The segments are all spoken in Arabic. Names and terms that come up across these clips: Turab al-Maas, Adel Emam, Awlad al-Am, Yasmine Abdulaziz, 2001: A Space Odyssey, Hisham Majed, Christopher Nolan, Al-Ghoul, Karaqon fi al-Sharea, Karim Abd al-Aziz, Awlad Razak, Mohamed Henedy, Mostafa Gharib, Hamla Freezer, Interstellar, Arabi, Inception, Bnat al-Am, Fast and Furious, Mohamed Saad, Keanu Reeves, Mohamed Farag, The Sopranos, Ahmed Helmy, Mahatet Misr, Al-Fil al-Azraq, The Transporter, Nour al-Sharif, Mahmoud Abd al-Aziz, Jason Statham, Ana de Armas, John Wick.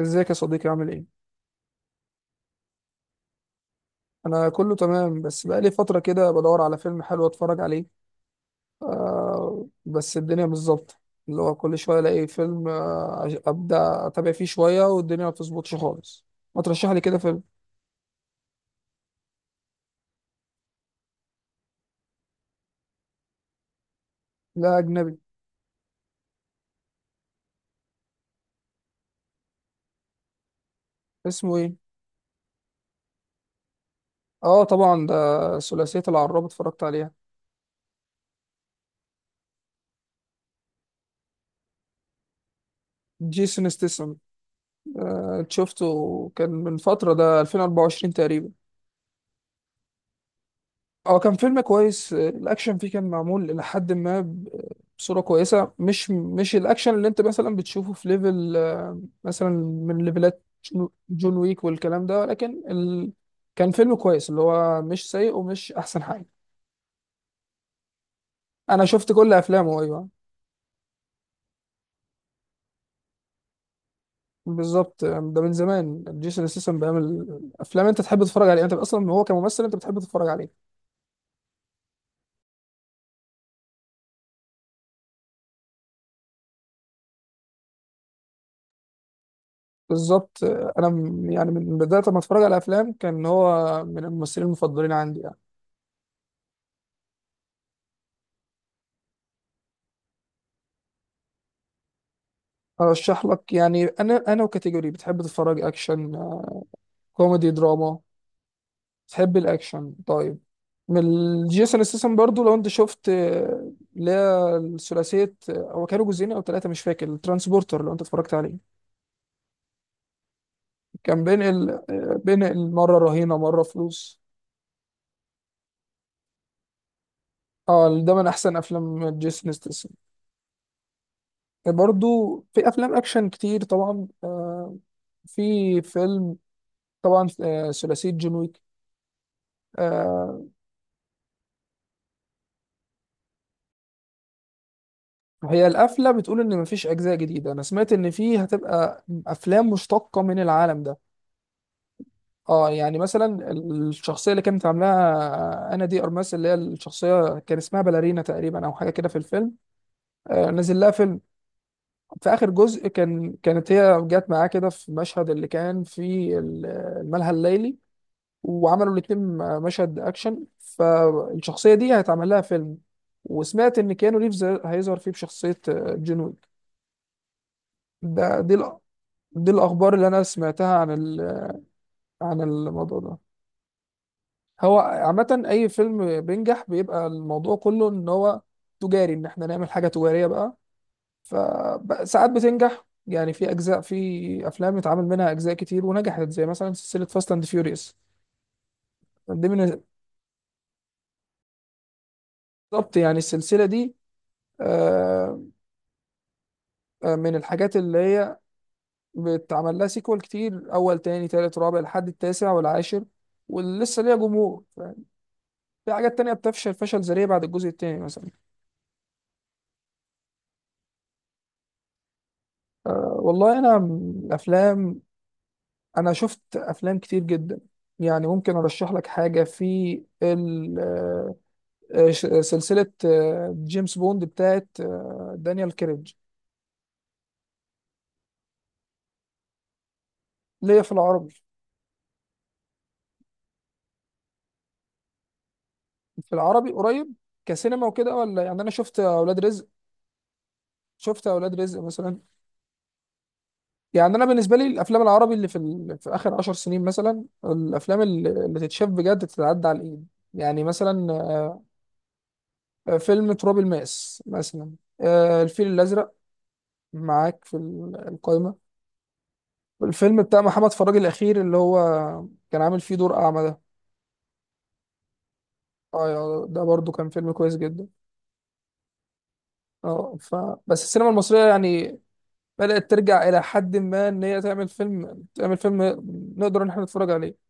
ازيك يا صديقي؟ عامل ايه؟ انا كله تمام، بس بقالي فترة كده بدور على فيلم حلو اتفرج عليه. بس الدنيا مش ظابطة، اللي هو كل شوية الاقي فيلم، ابدا اتابع فيه شوية والدنيا ما بتظبطش خالص. ما ترشح لي كده فيلم. لا، اجنبي. اسمه ايه؟ اه، طبعا ده ثلاثية العراب، اتفرجت عليها. جيسون ستيسن. آه، شفته، كان من فترة، ده 2024 تقريبا. اه كان فيلم كويس. الاكشن فيه كان معمول الى حد ما بصوره كويسه، مش الاكشن اللي انت مثلا بتشوفه في ليفل، مثلا، من ليفلات جون ويك والكلام ده، ولكن كان فيلم كويس، اللي هو مش سيء ومش احسن حاجه. انا شفت كل افلامه، ايوه. بالظبط. ده من زمان جيسون ستاثام بيعمل افلام انت تحب تتفرج عليها، انت اصلا هو كممثل انت بتحب تتفرج عليه. بالظبط. يعني من بدايه ما اتفرج على افلام كان هو من الممثلين المفضلين عندي. ارشح لك؟ يعني انا وكاتيجوري بتحب تتفرج، اكشن، كوميدي، دراما؟ بتحب الاكشن؟ طيب، من جيسون ستاثام برضو، لو انت شفت، اللي هي الثلاثيه، هو كانوا جزئين او ثلاثه مش فاكر، الترانسبورتر، لو انت اتفرجت عليه. كان بينقل، بينقل مره رهينه مره فلوس. اه، ده من احسن افلام جيسون ستاثام. برضو في افلام اكشن كتير طبعا. في فيلم، طبعا، ثلاثيه جون ويك. هي القفلة بتقول إن مفيش أجزاء جديدة، أنا سمعت إن فيه هتبقى أفلام مشتقة من العالم ده. اه يعني مثلا الشخصية اللي كانت عاملاها أنا دي أرماس، اللي هي الشخصية كان اسمها باليرينا تقريبا أو حاجة كده في الفيلم. آه، نزل لها فيلم. في آخر جزء، كان كانت هي جت معاه كده في مشهد اللي كان في الملهى الليلي، وعملوا الاتنين مشهد أكشن. فالشخصية دي هيتعمل لها فيلم، وسمعت إن كيانو ريفز هيظهر فيه بشخصية، جون ويك. ده دي دي الأخبار اللي أنا سمعتها عن عن الموضوع ده. هو عامة أي فيلم بينجح بيبقى الموضوع كله إن هو تجاري، إن إحنا نعمل حاجة تجارية بقى. فساعات بتنجح، يعني في أجزاء، في أفلام اتعمل منها أجزاء كتير ونجحت، زي مثلا سلسلة فاست أند فيوريوس. دي من بالظبط، يعني السلسلة دي، آه، من الحاجات اللي هي بتعمل لها سيكوال كتير، أول تاني تالت رابع لحد التاسع والعاشر ولسه ليها جمهور. في حاجات تانية بتفشل فشل ذريع بعد الجزء التاني مثلا. أه والله انا م- افلام، انا شفت افلام كتير جدا. يعني ممكن ارشح لك حاجه في ال- آه، سلسله، جيمس بوند بتاعت، دانيال كريج. ليا في العربي؟ في العربي قريب كسينما وكده ولا؟ يعني انا شفت اولاد رزق، شفت اولاد رزق مثلا. يعني انا بالنسبه لي الافلام العربي اللي في في اخر عشر سنين مثلا، الافلام اللي تتشاف بجد تتعدى على الايد. يعني مثلا، فيلم تراب الماس مثلا، الفيل الازرق معاك في القايمة. الفيلم بتاع محمد فراج الأخير اللي هو كان عامل فيه دور أعمى ده. اه، ده برضو كان فيلم كويس جدا. اه، ف، بس السينما المصرية يعني بدأت ترجع إلى حد ما إن هي تعمل فيلم، تعمل فيلم نقدر إن إحنا نتفرج عليه.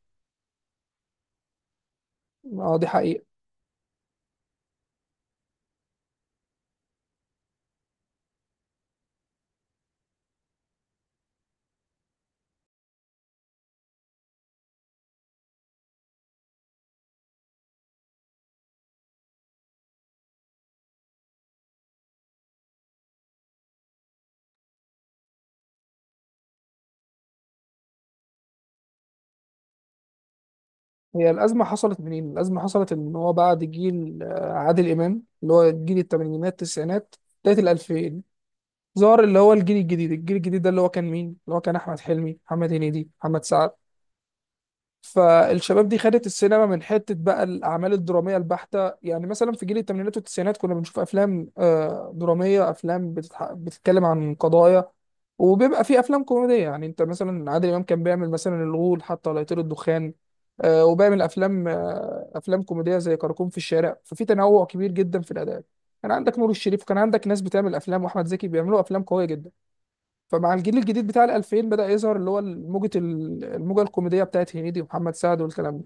اه دي حقيقة. هي الأزمة حصلت منين؟ الأزمة حصلت إن هو بعد جيل، عادل إمام، اللي هو جيل التمانينات التسعينات بداية الألفين، ظهر اللي هو الجيل الجديد. الجيل الجديد ده اللي هو كان مين؟ اللي هو كان أحمد حلمي، محمد هنيدي، محمد سعد. فالشباب دي خدت السينما من حته بقى الاعمال الدراميه البحته. يعني مثلا في جيل الثمانينات والتسعينات كنا بنشوف افلام، دراميه، افلام بتتكلم عن قضايا، وبيبقى في افلام كوميديه. يعني انت مثلا عادل امام كان بيعمل مثلا الغول، حتى لا يطير الدخان، وبيعمل افلام، افلام كوميديه زي كراكون في الشارع. ففي تنوع كبير جدا في الاداء. كان عندك نور الشريف، كان عندك ناس بتعمل افلام، واحمد زكي بيعملوا افلام قويه جدا. فمع الجيل الجديد بتاع ال 2000 بدأ يظهر اللي هو الموجة الموجة الكوميدية بتاعت هنيدي ومحمد سعد والكلام ده.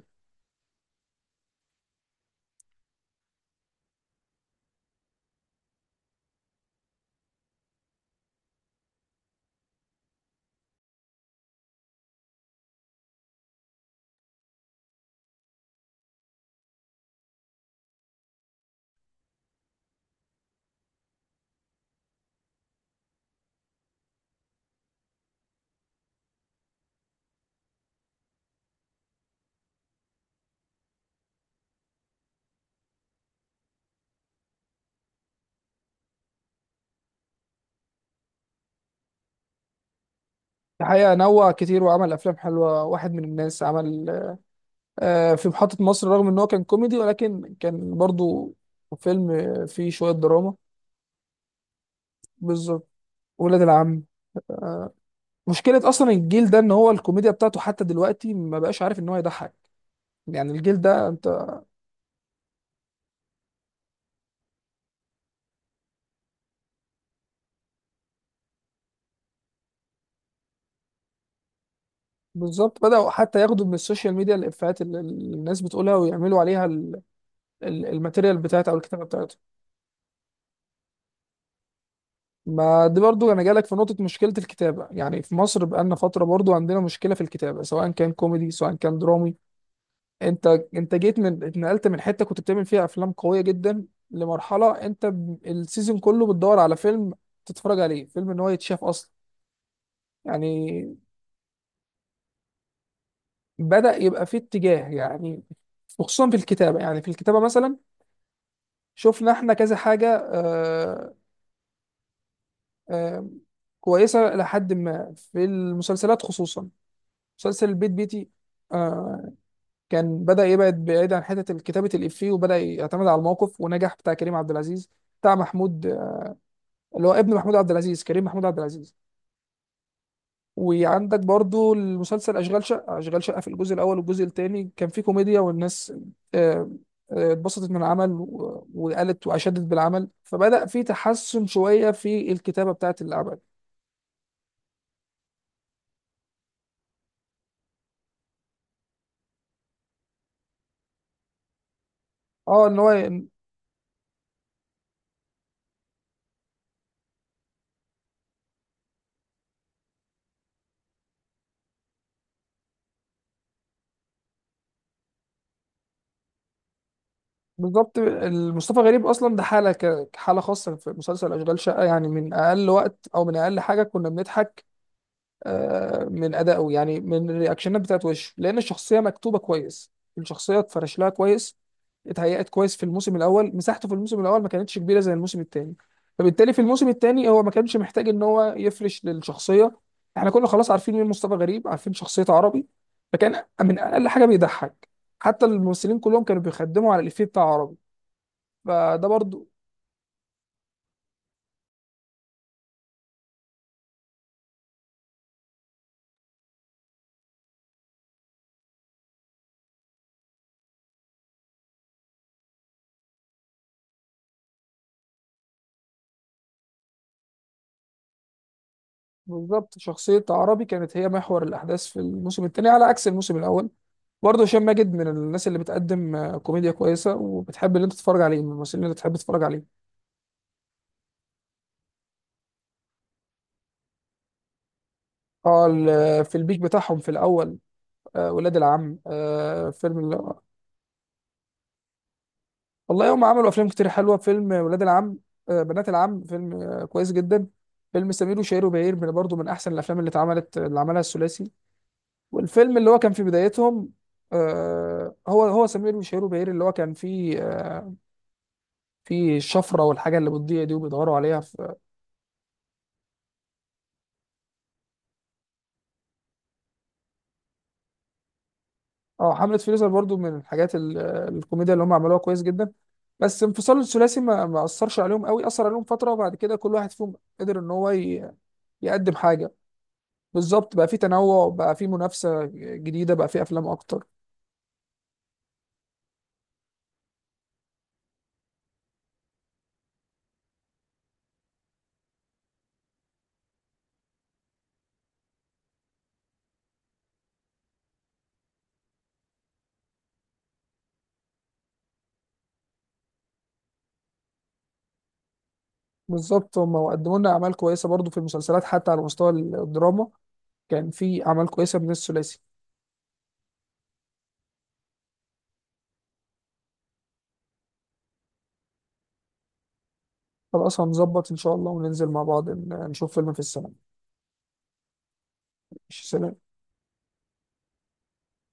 الحقيقة نوع كتير، وعمل أفلام حلوة، واحد من الناس عمل، في محطة مصر، رغم إن هو كان كوميدي ولكن كان برضو فيلم فيه شوية دراما. بالظبط، ولاد العم. مشكلة أصلا الجيل ده إن هو الكوميديا بتاعته حتى دلوقتي ما بقاش عارف إن هو يضحك. يعني الجيل ده أنت، بالظبط، بدأوا حتى ياخدوا من السوشيال ميديا الإفيهات اللي الناس بتقولها، ويعملوا عليها الماتيريال بتاعتها أو الكتابة بتاعتها. ما دي برضو انا جالك في نقطة، مشكلة الكتابة. يعني في مصر بقالنا فترة برضو عندنا مشكلة في الكتابة، سواء كان كوميدي سواء كان درامي. انت انت جيت من، اتنقلت من حتة كنت بتعمل فيها افلام قوية جدا لمرحلة انت السيزون كله بتدور على فيلم تتفرج عليه، فيلم ان هو يتشاف اصلا. يعني بدأ يبقى فيه اتجاه، يعني وخصوصا في الكتابة. يعني في الكتابة مثلا، شفنا احنا كذا حاجة آه، كويسة، لحد ما في المسلسلات خصوصا، مسلسل البيت بيتي، آه، كان بدأ يبعد بعيد عن حتة كتابة الإفيه وبدأ يعتمد على الموقف ونجح، بتاع كريم عبد العزيز، بتاع محمود، اللي هو ابن محمود عبد العزيز، كريم محمود عبد العزيز. وعندك برضو المسلسل أشغال شقة. أشغال شقة في الجزء الأول والجزء الثاني كان فيه كوميديا، والناس آه، اتبسطت من العمل وقالت وأشادت بالعمل. فبدأ فيه تحسن شوية في الكتابة بتاعة العمل. اه ان هو، بالظبط، مصطفى غريب اصلا ده حاله كحاله خاصه في مسلسل اشغال شقه. يعني من اقل وقت او من اقل حاجه كنا بنضحك من ادائه، يعني من الرياكشنات بتاعت وشه، لان الشخصيه مكتوبه كويس. الشخصيه اتفرش لها كويس، اتهيأت كويس. في الموسم الاول مساحته في الموسم الاول ما كانتش كبيره زي الموسم الثاني، فبالتالي في الموسم الثاني هو ما كانش محتاج ان هو يفرش للشخصيه. احنا كنا خلاص عارفين مين مصطفى غريب، عارفين شخصيته عربي، فكان من اقل حاجه بيضحك. حتى الممثلين كلهم كانوا بيخدموا على الافيه بتاع عربي. فده برضو، بالظبط، شخصية عربي كانت هي محور الأحداث في الموسم الثاني على عكس الموسم الأول. برضه هشام ماجد من الناس اللي بتقدم، كوميديا كويسة، وبتحب اللي أنت تتفرج عليه، من الممثلين اللي تحب تتفرج عليه. اه، في البيك بتاعهم في الأول. ولاد العم، والله هم عملوا أفلام كتير حلوة. فيلم ولاد العم، بنات العم، فيلم كويس جدا. فيلم سمير وشهير وبهير من برضه من أحسن الأفلام اللي اتعملت اللي عملها الثلاثي. والفيلم اللي هو كان في بدايتهم، هو سمير وشهير وبهير، اللي هو كان فيه، في الشفره والحاجه اللي بتضيع دي وبيدوروا عليها في، اه، حمله فريزر. برضو من الحاجات الكوميديا اللي هم عملوها كويس جدا. بس انفصال الثلاثي ما اثرش عليهم قوي، اثر عليهم فتره وبعد كده كل واحد فيهم قدر ان هو يقدم حاجه. بالظبط، بقى في تنوع، بقى في منافسه جديده، بقى في افلام اكتر. بالظبط، هم قدموا لنا اعمال كويسه برضو في المسلسلات حتى على مستوى الدراما، كان في اعمال كويسه من الثلاثي. خلاص، هنظبط ان شاء الله وننزل مع بعض نشوف فيلم في السنه. ماشي، سلام.